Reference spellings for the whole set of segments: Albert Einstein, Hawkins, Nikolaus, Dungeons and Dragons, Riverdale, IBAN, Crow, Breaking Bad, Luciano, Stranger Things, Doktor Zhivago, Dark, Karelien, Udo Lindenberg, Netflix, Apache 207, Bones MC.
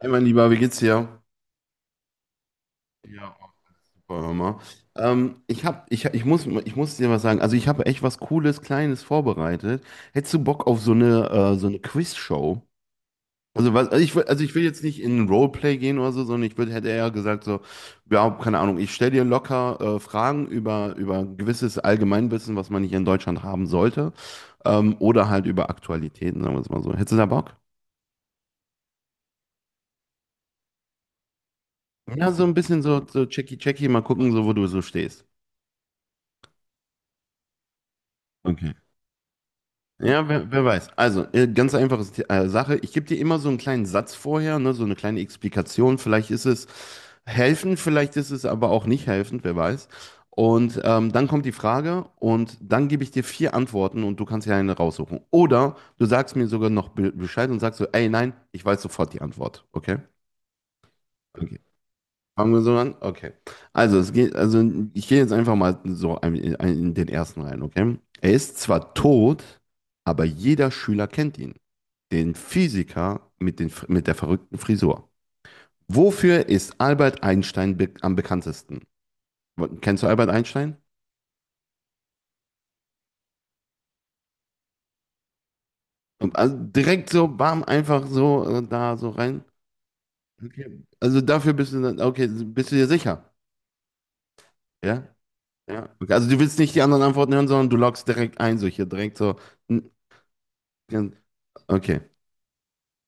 Hey mein Lieber, wie geht's dir? Ja, auch. Boah, hör mal. Ich hab, ich muss dir was sagen. Also ich habe echt was Cooles, Kleines vorbereitet. Hättest du Bock auf so eine Quiz-Show? Also, also, also ich will jetzt nicht in Roleplay gehen oder so, sondern hätte eher gesagt so, ja, keine Ahnung, ich stelle dir locker Fragen über gewisses Allgemeinwissen, was man hier in Deutschland haben sollte. Oder halt über Aktualitäten, sagen wir es mal so. Hättest du da Bock? Ja, so ein bisschen so, so checky checky, mal gucken, so wo du so stehst. Okay. Ja, wer weiß. Also, ganz einfache Sache. Ich gebe dir immer so einen kleinen Satz vorher, ne, so eine kleine Explikation. Vielleicht ist es helfend, vielleicht ist es aber auch nicht helfend, wer weiß. Und dann kommt die Frage und dann gebe ich dir vier Antworten und du kannst dir eine raussuchen. Oder du sagst mir sogar noch be Bescheid und sagst so, ey, nein, ich weiß sofort die Antwort. Okay? Okay. Fangen wir so an? Okay. Also, also ich gehe jetzt einfach mal so in den ersten rein, okay? Er ist zwar tot, aber jeder Schüler kennt ihn. Den Physiker mit der verrückten Frisur. Wofür ist Albert Einstein be am bekanntesten? Kennst du Albert Einstein? Und also direkt so, bam, einfach so da so rein. Okay. Also dafür bist du dann, okay, bist du dir sicher? Ja? Ja. Okay. Also du willst nicht die anderen Antworten hören, sondern du loggst direkt ein, so hier direkt so. n- Okay,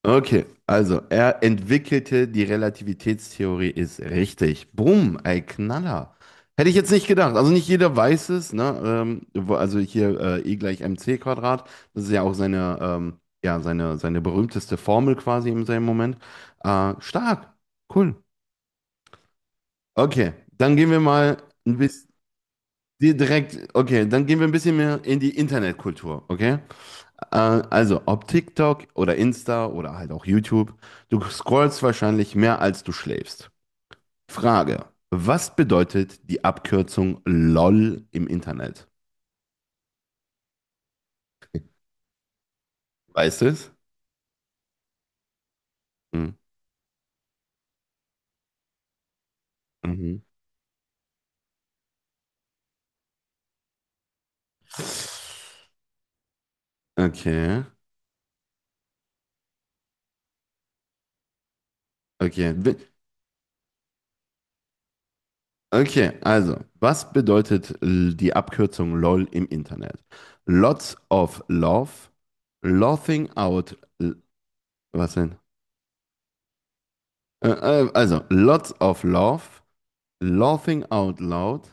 okay. Also, er entwickelte die Relativitätstheorie, ist richtig. Bumm, ey, Knaller. Hätte ich jetzt nicht gedacht. Also nicht jeder weiß es, ne? Also hier E gleich mc Quadrat. Das ist ja auch seine, ja, seine berühmteste Formel quasi im seinem Moment. Stark, cool. Okay, dann gehen wir mal ein bisschen direkt, okay, dann gehen wir ein bisschen mehr in die Internetkultur, okay? Also, ob TikTok oder Insta oder halt auch YouTube, du scrollst wahrscheinlich mehr als du schläfst. Frage, was bedeutet die Abkürzung LOL im Internet? Weißt du es? Hm, Mhm. Okay, okay. Okay, also, was bedeutet die Abkürzung LOL im Internet? Lots of love, laughing out, l- was denn? Also, lots of love, laughing out loud,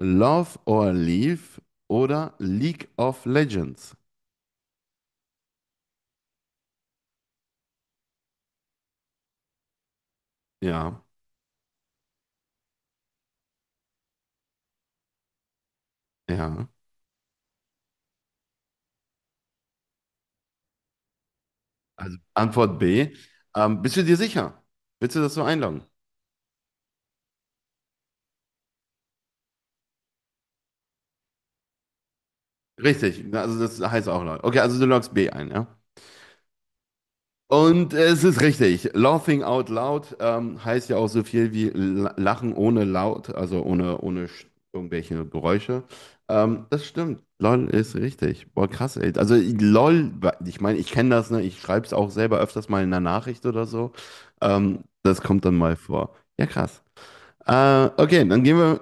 Love or Leave oder League of Legends? Ja, ja. Also Antwort B. Bist du dir sicher? Willst du das so einloggen? Richtig, also das heißt auch log. Okay, also du loggst B ein, ja? Und es ist richtig. Laughing out loud heißt ja auch so viel wie Lachen ohne laut, also ohne sch- irgendwelche Geräusche. Das stimmt. LOL ist richtig. Boah, krass, ey. LOL, ich meine, ich kenne das, ne? Ich schreibe es auch selber öfters mal in einer Nachricht oder so. Das kommt dann mal vor. Ja, krass. Okay, dann gehen wir.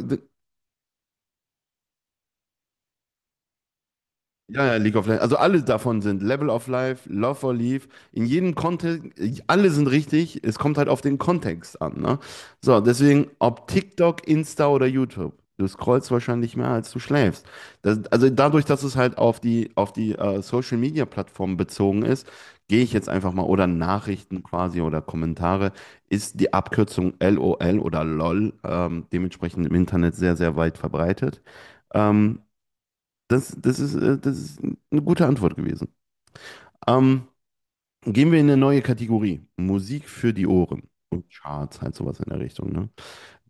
Ja, ja, League of Legends. Also alle davon sind Level of Life, Love or Leave. In jedem Kontext, alle sind richtig. Es kommt halt auf den Kontext an, ne? So, deswegen, ob TikTok, Insta oder YouTube. Du scrollst wahrscheinlich mehr, als du schläfst. Das, also dadurch, dass es halt auf auf die Social Media Plattformen bezogen ist, gehe ich jetzt einfach mal, oder Nachrichten quasi oder Kommentare, ist die Abkürzung LOL oder LOL dementsprechend im Internet sehr, sehr weit verbreitet. Ähm, das ist eine gute Antwort gewesen. Ähm, Gehen wir in eine neue Kategorie. Musik für die Ohren. Und Charts, halt sowas in der Richtung. Ne?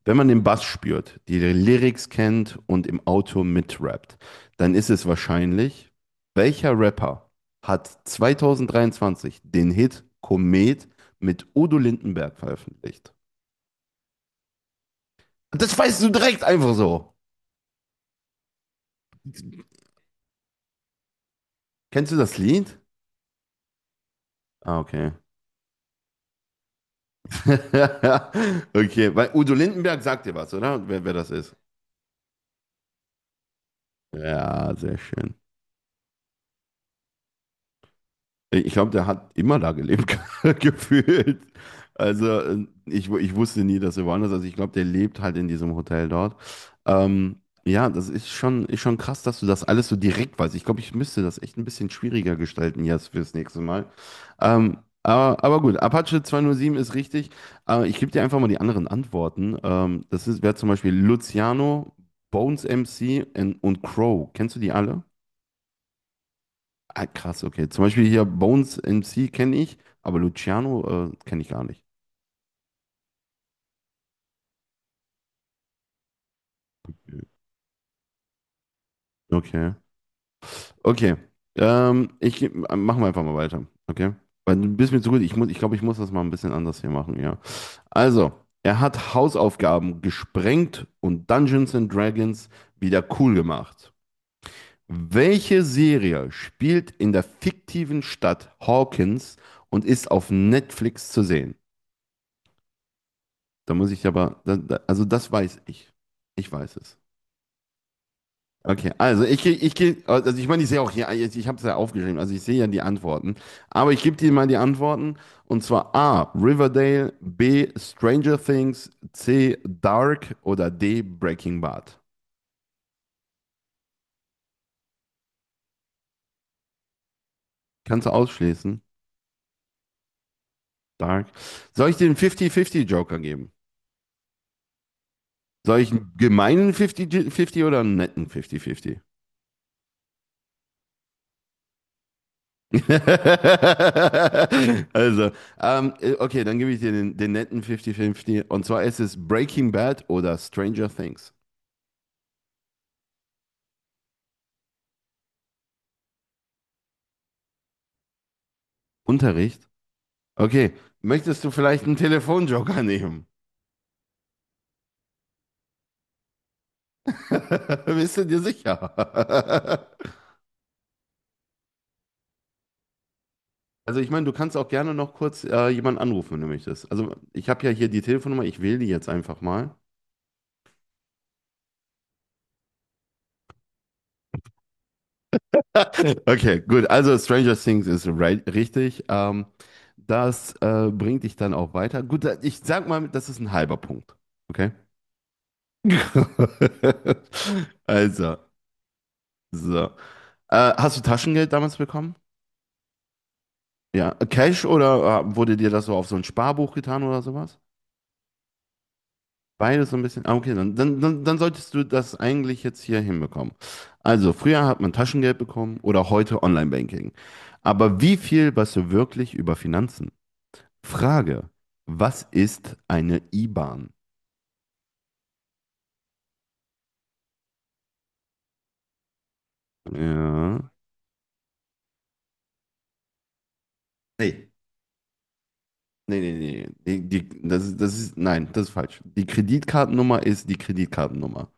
Wenn man den Bass spürt, die Lyrics kennt und im Auto mitrappt, dann ist es wahrscheinlich, welcher Rapper hat 2023 den Hit Komet mit Udo Lindenberg veröffentlicht? Das weißt du direkt einfach so. Kennst du das Lied? Ah, okay. Okay, weil Udo Lindenberg sagt dir was, oder? Wer das ist. Ja, sehr schön. Ich glaube, der hat immer da gelebt, gefühlt. Also ich wusste nie, dass er woanders ist. Also ich glaube, der lebt halt in diesem Hotel dort. Ja, das ist schon krass, dass du das alles so direkt weißt. Ich glaube, ich müsste das echt ein bisschen schwieriger gestalten jetzt fürs nächste Mal. Ähm, aber gut, Apache 207 ist richtig. Ich gebe dir einfach mal die anderen Antworten. Wäre zum Beispiel Luciano, Bones MC und Crow. Kennst du die alle? Ah, krass, okay. Zum Beispiel hier Bones MC kenne ich, aber Luciano kenne ich gar nicht. Okay. Okay. Ich machen wir einfach mal weiter. Okay. Weil du bist mir zu gut. Ich muss, ich glaube, ich muss das mal ein bisschen anders hier machen, ja. Also, er hat Hausaufgaben gesprengt und Dungeons and Dragons wieder cool gemacht. Welche Serie spielt in der fiktiven Stadt Hawkins und ist auf Netflix zu sehen? Da muss ich aber, also das weiß ich. Ich weiß es. Okay, also ich krieg, also ich meine, ich sehe auch hier, ich habe es ja aufgeschrieben, also ich sehe ja die Antworten, aber ich gebe dir mal die Antworten und zwar A, Riverdale, B, Stranger Things, C, Dark oder D, Breaking Bad. Kannst du ausschließen? Dark. Soll ich dir einen 50-50 Joker geben? Soll ich einen gemeinen 50-50 oder einen netten 50-50? Also, okay, dann gebe ich dir den netten 50-50. Und zwar ist es Breaking Bad oder Stranger Things. Unterricht? Okay. Möchtest du vielleicht einen Telefonjoker nehmen? Bist du dir sicher? Also ich meine, du kannst auch gerne noch kurz jemanden anrufen, wenn du möchtest. Also ich habe ja hier die Telefonnummer, ich wähle die jetzt einfach mal. Okay, gut. Also Stranger Things ist richtig. Das bringt dich dann auch weiter. Gut, ich sag mal, das ist ein halber Punkt. Okay? Also, so. Hast du Taschengeld damals bekommen? Ja, Cash oder wurde dir das so auf so ein Sparbuch getan oder sowas? Beides so ein bisschen. Ah, okay, dann solltest du das eigentlich jetzt hier hinbekommen. Also, früher hat man Taschengeld bekommen oder heute Online-Banking. Aber wie viel weißt du wirklich über Finanzen? Frage, was ist eine IBAN? Ja. Nee, Nee. Das ist, nein, das ist falsch. Die Kreditkartennummer ist die Kreditkartennummer.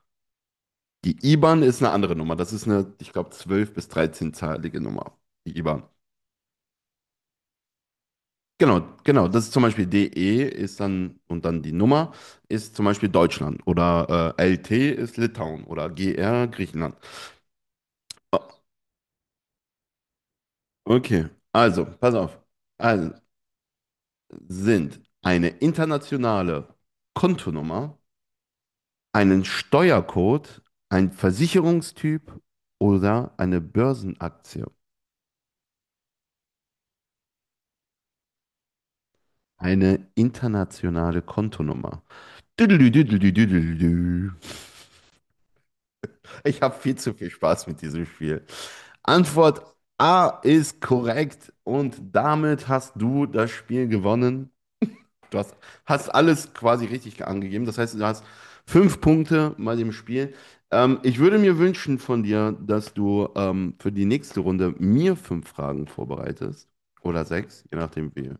Die IBAN ist eine andere Nummer. Das ist eine, ich glaube, zwölf bis 13-zahlige Nummer. Die IBAN. Genau, genau. Das ist zum Beispiel DE ist dann und dann die Nummer ist zum Beispiel Deutschland oder LT ist Litauen oder GR Griechenland. O- Okay, also, pass auf. Also sind eine internationale Kontonummer, einen Steuercode, ein Versicherungstyp oder eine Börsenaktie. Eine internationale Kontonummer. Ich habe viel zu viel Spaß mit diesem Spiel. Antwort A ist korrekt und damit hast du das Spiel gewonnen. Du hast, hast alles quasi richtig angegeben. Das heißt, du hast fünf Punkte bei dem Spiel. Ich würde mir wünschen von dir, dass du für die nächste Runde mir fünf Fragen vorbereitest oder sechs, je nachdem wie.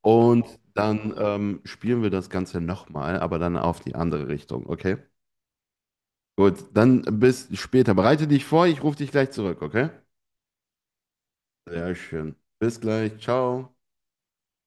Und dann spielen wir das Ganze nochmal, aber dann auf die andere Richtung, okay? Gut, dann bis später. Bereite dich vor, ich rufe dich gleich zurück, okay? Sehr schön. Bis gleich, ciao.